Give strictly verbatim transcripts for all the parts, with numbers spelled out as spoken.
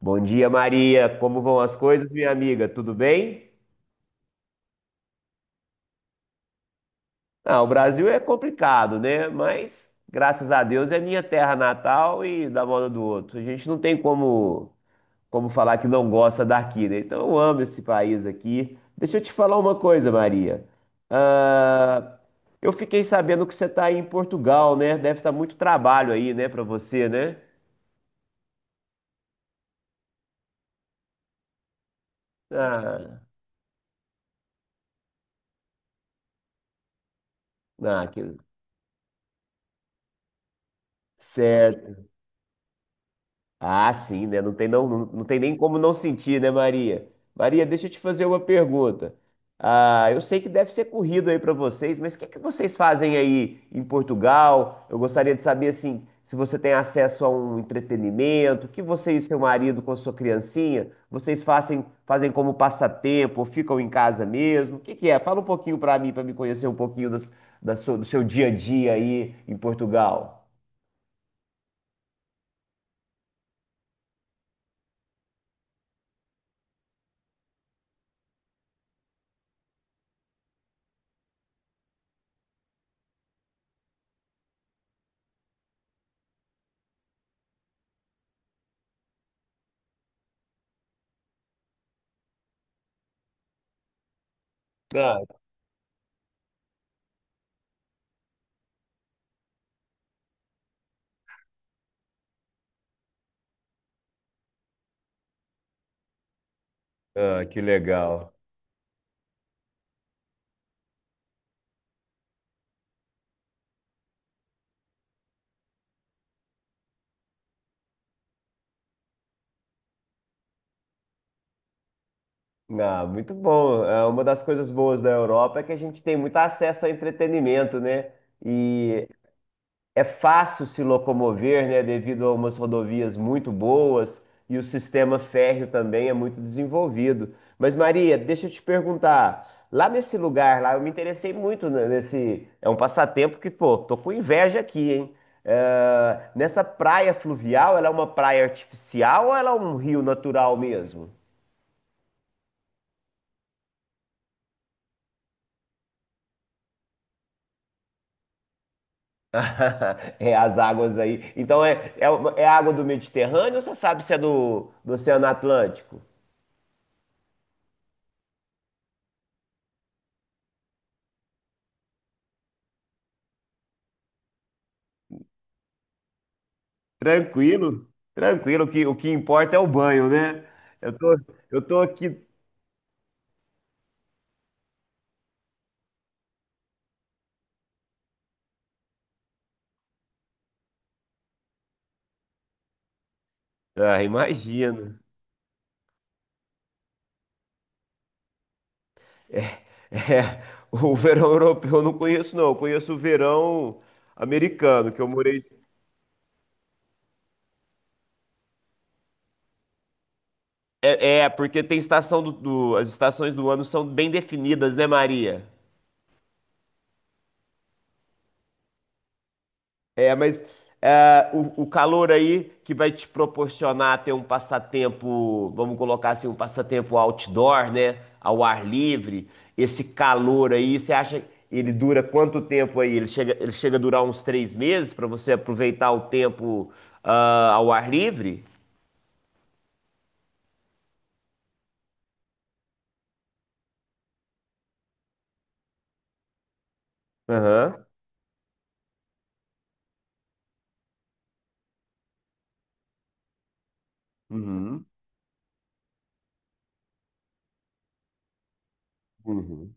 Bom dia, Maria. Como vão as coisas, minha amiga? Tudo bem? Ah, o Brasil é complicado, né? Mas graças a Deus é minha terra natal e da moda do outro. A gente não tem como como falar que não gosta daqui, né? Então eu amo esse país aqui. Deixa eu te falar uma coisa, Maria. Ah, eu fiquei sabendo que você está aí em Portugal, né? Deve estar muito trabalho aí, né, para você, né? Ah, ah, que... Certo. Ah, sim, né? Não tem, não, não, não tem nem como não sentir, né, Maria? Maria, deixa eu te fazer uma pergunta. Ah, eu sei que deve ser corrido aí para vocês, mas o que é que vocês fazem aí em Portugal? Eu gostaria de saber, assim, se você tem acesso a um entretenimento, o que você e seu marido com sua criancinha, vocês fazem, fazem como passatempo, ou ficam em casa mesmo? O que que é? Fala um pouquinho para mim, para me conhecer um pouquinho das- da sua- do seu dia a dia aí em Portugal. Ah, ah, que legal. Ah, muito bom. É, uma das coisas boas da Europa é que a gente tem muito acesso a entretenimento, né? E é fácil se locomover, né? Devido a umas rodovias muito boas e o sistema férreo também é muito desenvolvido. Mas, Maria, deixa eu te perguntar. Lá nesse lugar, lá, eu me interessei muito, né, nesse. É um passatempo que, pô, tô com inveja aqui, hein? É, nessa praia fluvial, ela é uma praia artificial ou ela é um rio natural mesmo? É as águas aí. Então é, é, uma- é água do Mediterrâneo ou você sabe se é do, do Oceano Atlântico? Tranquilo, tranquilo, que o que importa é o banho, né? Eu tô, eu tô aqui. Ah, imagino. É, o verão europeu eu não conheço, não. Eu conheço o verão americano, que eu morei. É, é, porque tem estação. do, do- As estações do ano são bem definidas, né, Maria? É, mas é, o, o calor aí que vai te proporcionar ter um passatempo, vamos colocar assim, um passatempo outdoor, né? Ao ar livre, esse calor aí, você acha que ele dura quanto tempo aí? Ele chega, ele chega a durar uns três meses para você aproveitar o tempo ah, ao ar livre? Aham. Uhum, uhum.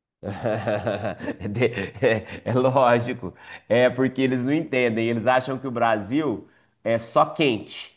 De- É, é lógico, é porque eles não entendem, eles acham que o Brasil é só quente.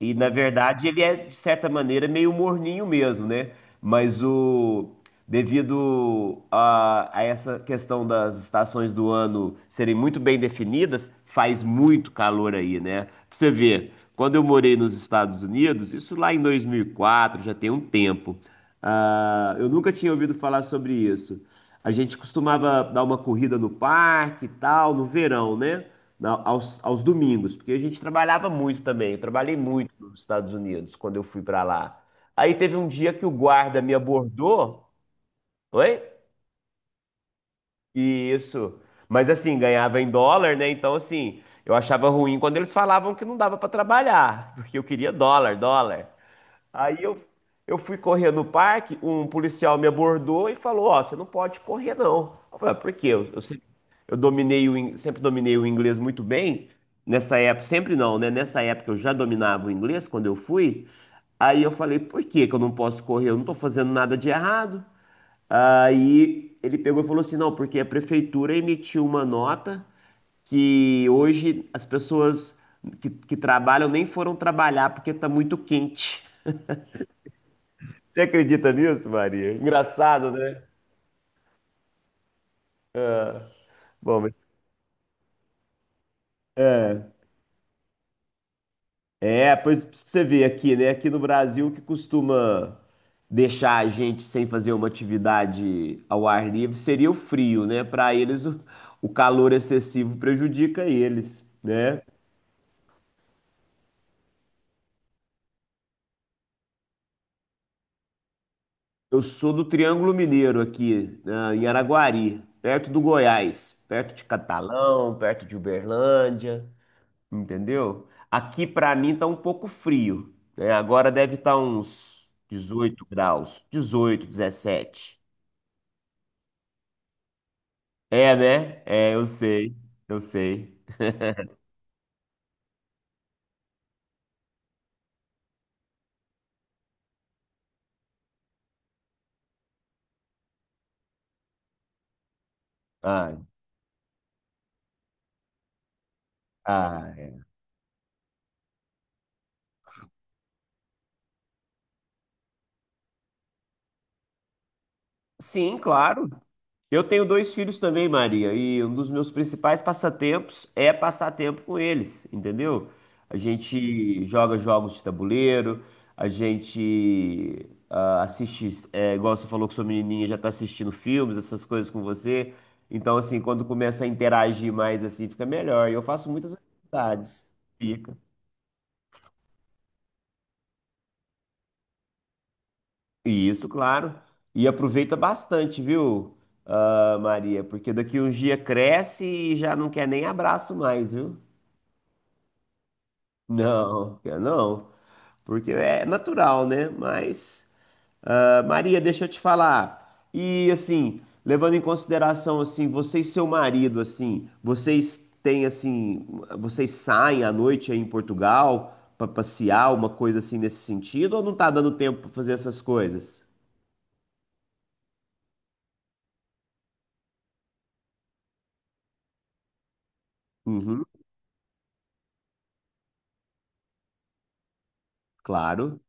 E na verdade ele é, de certa maneira, meio morninho mesmo, né? Mas o devido a, a essa questão das estações do ano serem muito bem definidas, faz muito calor aí, né? Pra você ver, quando eu morei nos Estados Unidos, isso lá em dois mil e quatro, já tem um tempo. Ah, eu nunca tinha ouvido falar sobre isso. A gente costumava dar uma corrida no parque e tal, no verão, né? Na- aos, aos domingos, porque a gente trabalhava muito também. Eu trabalhei muito nos Estados Unidos quando eu fui pra lá. Aí teve um dia que o guarda me abordou. Oi? Isso. Mas assim, ganhava em dólar, né? Então, assim, eu achava ruim quando eles falavam que não dava pra trabalhar, porque eu queria dólar, dólar. Aí eu, eu fui correr no parque, um policial me abordou e falou: Ó, você não pode correr, não. Eu falei: "Ah, Por quê? Eu, eu sempre, eu dominei o, in- sempre dominei o inglês muito bem. Nessa época, sempre não, né? Nessa época eu já dominava o inglês quando eu fui. Aí eu falei: Por que que eu não posso correr? Eu não tô fazendo nada de errado. Aí ele pegou e falou assim: Não, porque a prefeitura emitiu uma nota que hoje as pessoas que, que trabalham nem foram trabalhar porque tá muito quente. Você acredita nisso, Maria? Engraçado, né? Bom, mas é, é, pois você vê aqui, né? Aqui no Brasil, o que costuma deixar a gente sem fazer uma atividade ao ar livre seria o frio, né? Para eles, o, o calor excessivo prejudica eles, né? Eu sou do Triângulo Mineiro aqui, ah, em Araguari, perto do Goiás, perto de Catalão, perto de Uberlândia. Entendeu? Aqui pra mim tá um pouco frio, né? Agora deve estar uns dezoito graus, dezoito, dezessete. É, né? É, eu sei, eu sei. Ai, ai. Sim, claro. Eu tenho dois filhos também, Maria, e um dos meus principais passatempos é passar tempo com eles, entendeu? A gente joga jogos de tabuleiro, a gente ah, assiste, é, igual você falou que sua menininha já tá assistindo filmes, essas coisas com você. Então, assim, quando começa a interagir mais, assim, fica melhor. E eu faço muitas atividades. Fica. E isso, claro. E aproveita bastante, viu, ah, Maria? Porque daqui uns dias cresce e já não quer nem abraço mais, viu? Não, eu não, porque é natural, né? Mas, ah, Maria, deixa eu te falar. E assim, levando em consideração assim, você e seu marido, assim, vocês têm assim, vocês saem à noite aí em Portugal para passear, uma coisa assim nesse sentido, ou não tá dando tempo para fazer essas coisas? Uhum, claro.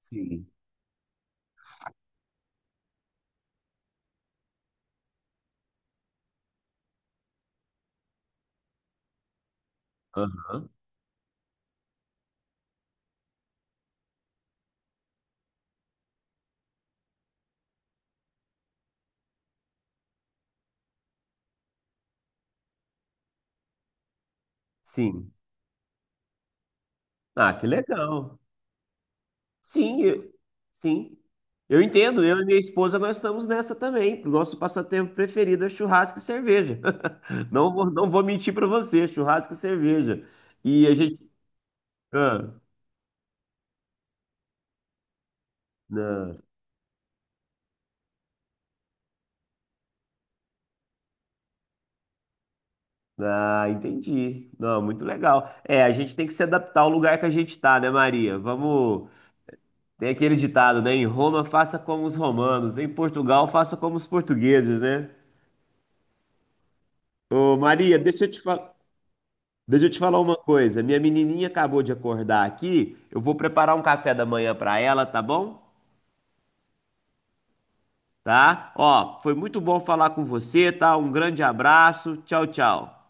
Sim. Aham, sim. Ah, que legal. Sim, eu- sim. Eu entendo, eu e minha esposa nós estamos nessa também. O nosso passatempo preferido é churrasco e cerveja. Não vou, não vou mentir para você, churrasco e cerveja. E a gente. Ah, não, ah, entendi. Não, muito legal. É, a gente tem que se adaptar ao lugar que a gente está, né, Maria? Vamos. Tem aquele ditado, né? Em Roma, faça como os romanos. Em Portugal, faça como os portugueses, né? Ô, Maria, deixa eu te falar. Deixa eu te falar uma coisa. Minha menininha acabou de acordar aqui. Eu vou preparar um café da manhã pra ela, tá bom? Tá? Ó, foi muito bom falar com você, tá? Um grande abraço. Tchau, tchau.